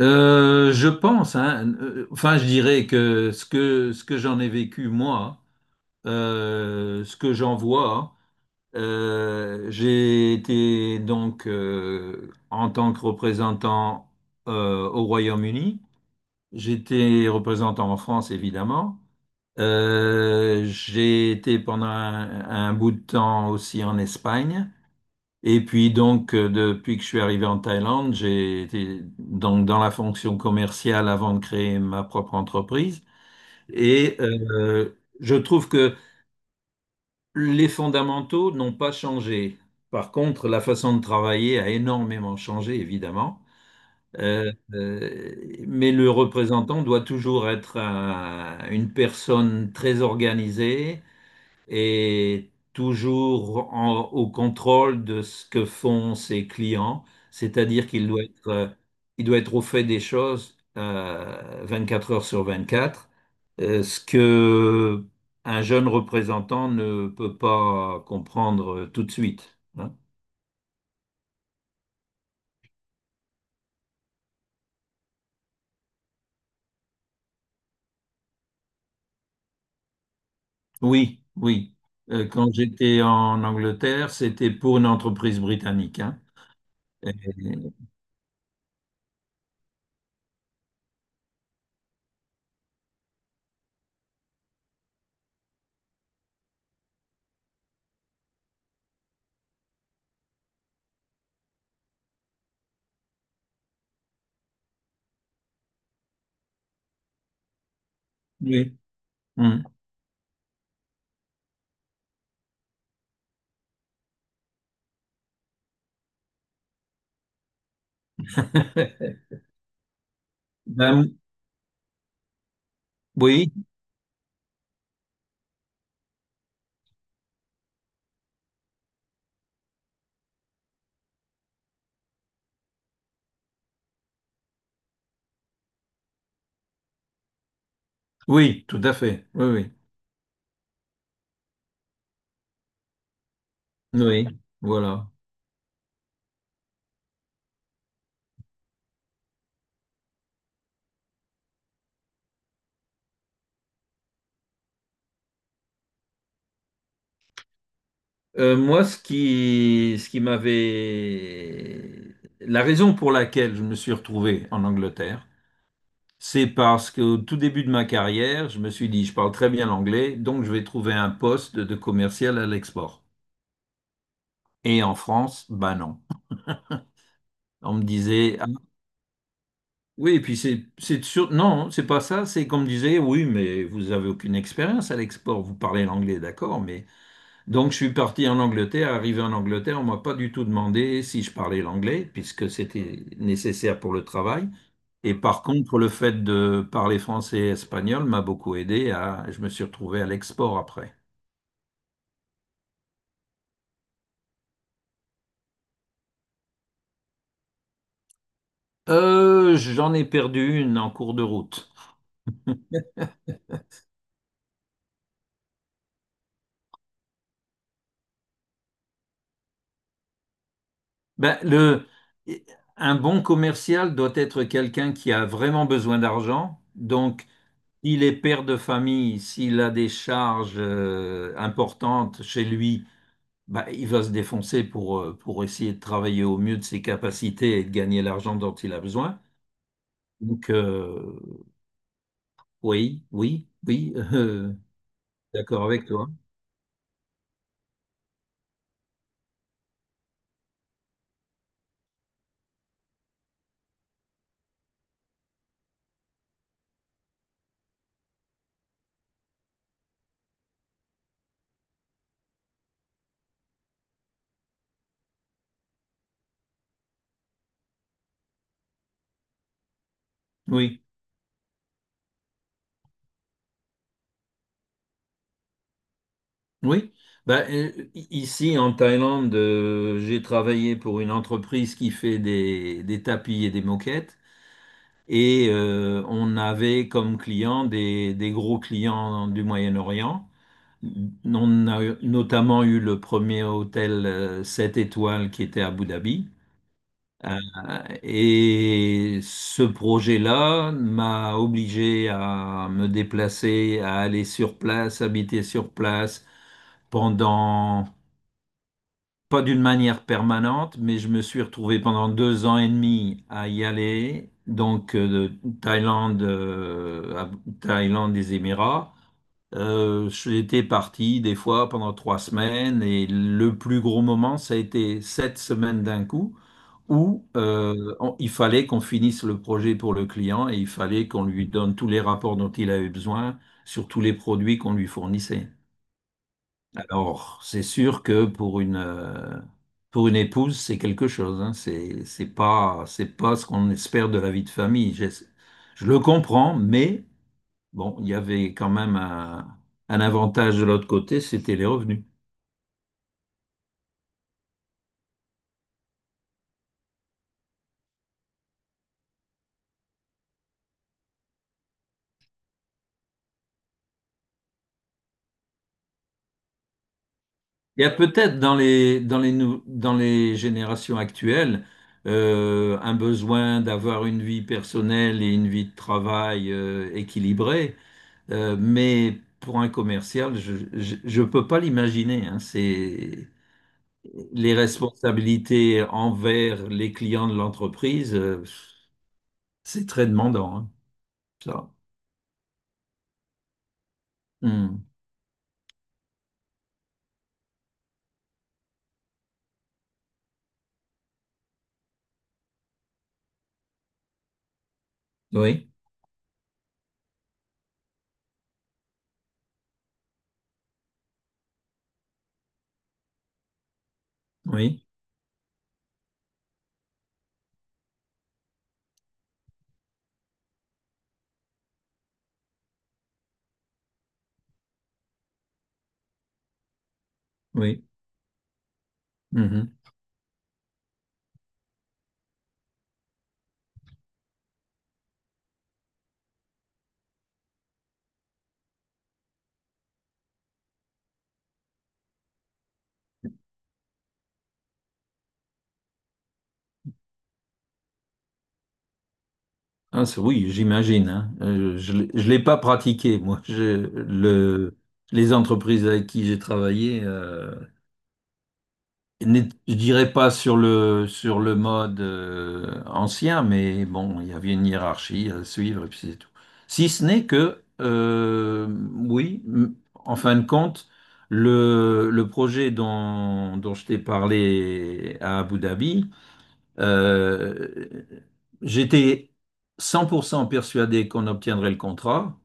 Je pense, hein, enfin, je dirais que ce que j'en ai vécu moi, ce que j'en vois, j'ai été donc en tant que représentant au Royaume-Uni, j'étais représentant en France évidemment. J'ai été pendant un bout de temps aussi en Espagne. Et puis donc, depuis que je suis arrivé en Thaïlande, j'ai été donc dans la fonction commerciale avant de créer ma propre entreprise. Et je trouve que les fondamentaux n'ont pas changé. Par contre, la façon de travailler a énormément changé, évidemment. Euh, euh, mais le représentant doit toujours être une personne très organisée, et toujours au contrôle de ce que font ses clients, c'est-à-dire qu'il doit être, il doit être au fait des choses 24 heures sur 24, ce que un jeune représentant ne peut pas comprendre tout de suite, hein. Oui, oui. Quand j'étais en Angleterre, c'était pour une entreprise britannique, hein. Et- oui. Hmm. Ben, oui, oui, tout à fait. Oui, oui. Oui, voilà. Moi, ce qui m'avait... La raison pour laquelle je me suis retrouvé en Angleterre, c'est parce qu'au tout début de ma carrière, je me suis dit, je parle très bien l'anglais, donc je vais trouver un poste de commercial à l'export. Et en France, bah non. On me disait, ah, oui, et puis c'est sûr, non, c'est pas ça, c'est qu'on me disait, oui, mais vous avez aucune expérience à l'export, vous parlez l'anglais, d'accord, mais... Donc, je suis parti en Angleterre. Arrivé en Angleterre, on m'a pas du tout demandé si je parlais l'anglais, puisque c'était nécessaire pour le travail. Et par contre, le fait de parler français et espagnol m'a beaucoup aidé à, je me suis retrouvé à l'export après. J'en ai perdu une en cours de route. Ben, un bon commercial doit être quelqu'un qui a vraiment besoin d'argent. Donc, s'il est père de famille, s'il a des charges importantes chez lui, bah, il va se défoncer pour essayer de travailler au mieux de ses capacités et de gagner l'argent dont il a besoin. Donc, oui, oui, oui, d'accord avec toi. Oui, oui. Bah, ici, en Thaïlande, j'ai travaillé pour une entreprise qui fait des tapis et des moquettes. Et on avait comme clients des gros clients du Moyen-Orient. On a notamment eu le premier hôtel 7 étoiles qui était à Abu Dhabi. Euh, et ce projet-là m'a obligé à me déplacer, à aller sur place, habiter sur place pendant, pas d'une manière permanente, mais je me suis retrouvé pendant 2 ans et demi à y aller, donc de Thaïlande, à Thaïlande des Émirats. J'étais parti des fois pendant 3 semaines et le plus gros moment, ça a été 7 semaines d'un coup où il fallait qu'on finisse le projet pour le client et il fallait qu'on lui donne tous les rapports dont il avait besoin sur tous les produits qu'on lui fournissait. Alors, c'est sûr que pour une épouse, c'est quelque chose, hein. C'est pas ce qu'on espère de la vie de famille. Je le comprends, mais bon, il y avait quand même un avantage de l'autre côté, c'était les revenus. Il y a peut-être dans les générations actuelles un besoin d'avoir une vie personnelle et une vie de travail équilibrée, mais pour un commercial, je ne peux pas l'imaginer, hein. C'est les responsabilités envers les clients de l'entreprise, c'est très demandant, hein, ça. Hmm. Oui, oui, oui. Mhm. Ah, oui, j'imagine, hein. Je l'ai pas pratiqué, moi. Les entreprises avec qui j'ai travaillé, je dirais pas sur sur le mode ancien, mais bon, il y avait une hiérarchie à suivre et puis c'est tout. Si ce n'est que, oui, en fin de compte, le projet dont je t'ai parlé à Abu Dhabi, euh, j'étais 100% persuadé qu'on obtiendrait le contrat.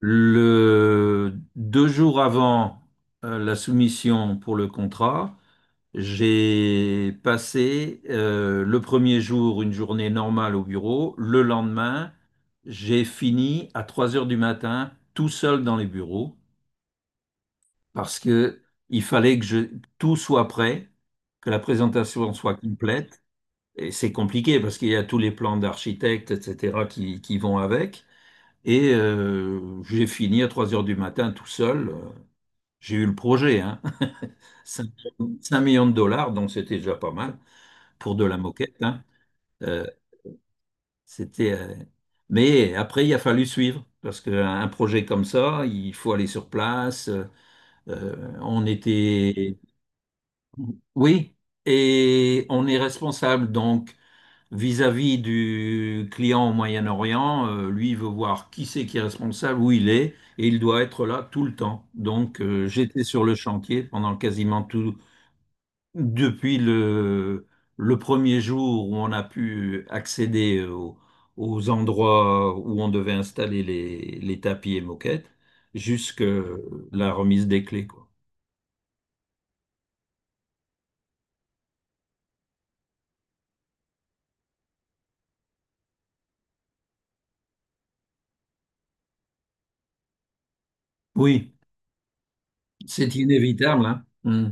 Deux jours avant la soumission pour le contrat, j'ai passé le premier jour une journée normale au bureau. Le lendemain, j'ai fini à 3 heures du matin tout seul dans les bureaux parce que il fallait que je- tout soit prêt, que la présentation soit complète. Et c'est compliqué parce qu'il y a tous les plans d'architectes, etc., qui vont avec. Et j'ai fini à 3 heures du matin tout seul. J'ai eu le projet, hein. 5 millions de dollars, donc c'était déjà pas mal pour de la moquette, hein. Euh, c'était, euh, Mais après, il a fallu suivre parce qu'un projet comme ça, il faut aller sur place. On était. Oui, et on est responsable. Donc, vis-à-vis du client au Moyen-Orient, lui, il veut voir qui c'est qui est responsable, où il est, et il doit être là tout le temps. Donc, j'étais sur le chantier pendant quasiment tout, depuis le premier jour où on a pu accéder aux endroits où on devait installer les tapis et moquettes, jusqu'à la remise des clés, quoi. Oui, c'est inévitable, hein. Mm.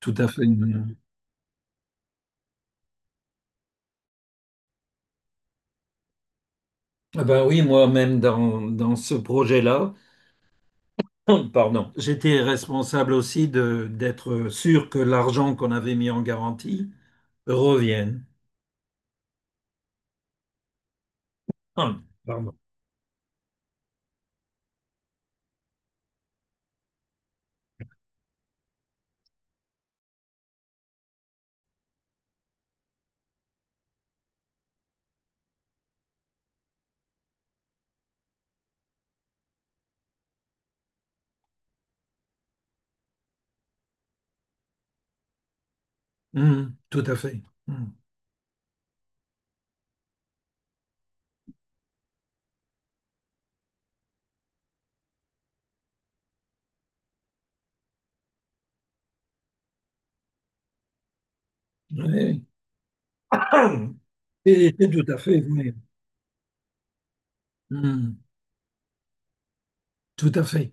Tout à fait. Mm. Ah ben oui, moi-même, dans ce projet-là, Pardon. J'étais responsable aussi de d'être sûr que l'argent qu'on avait mis en garantie revienne. Pardon. Tout à fait. Hum. Oui. Et tout à fait, oui. Hum, tout à fait.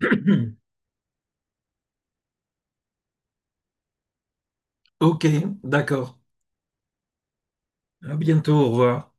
OK, d'accord. À bientôt, au revoir.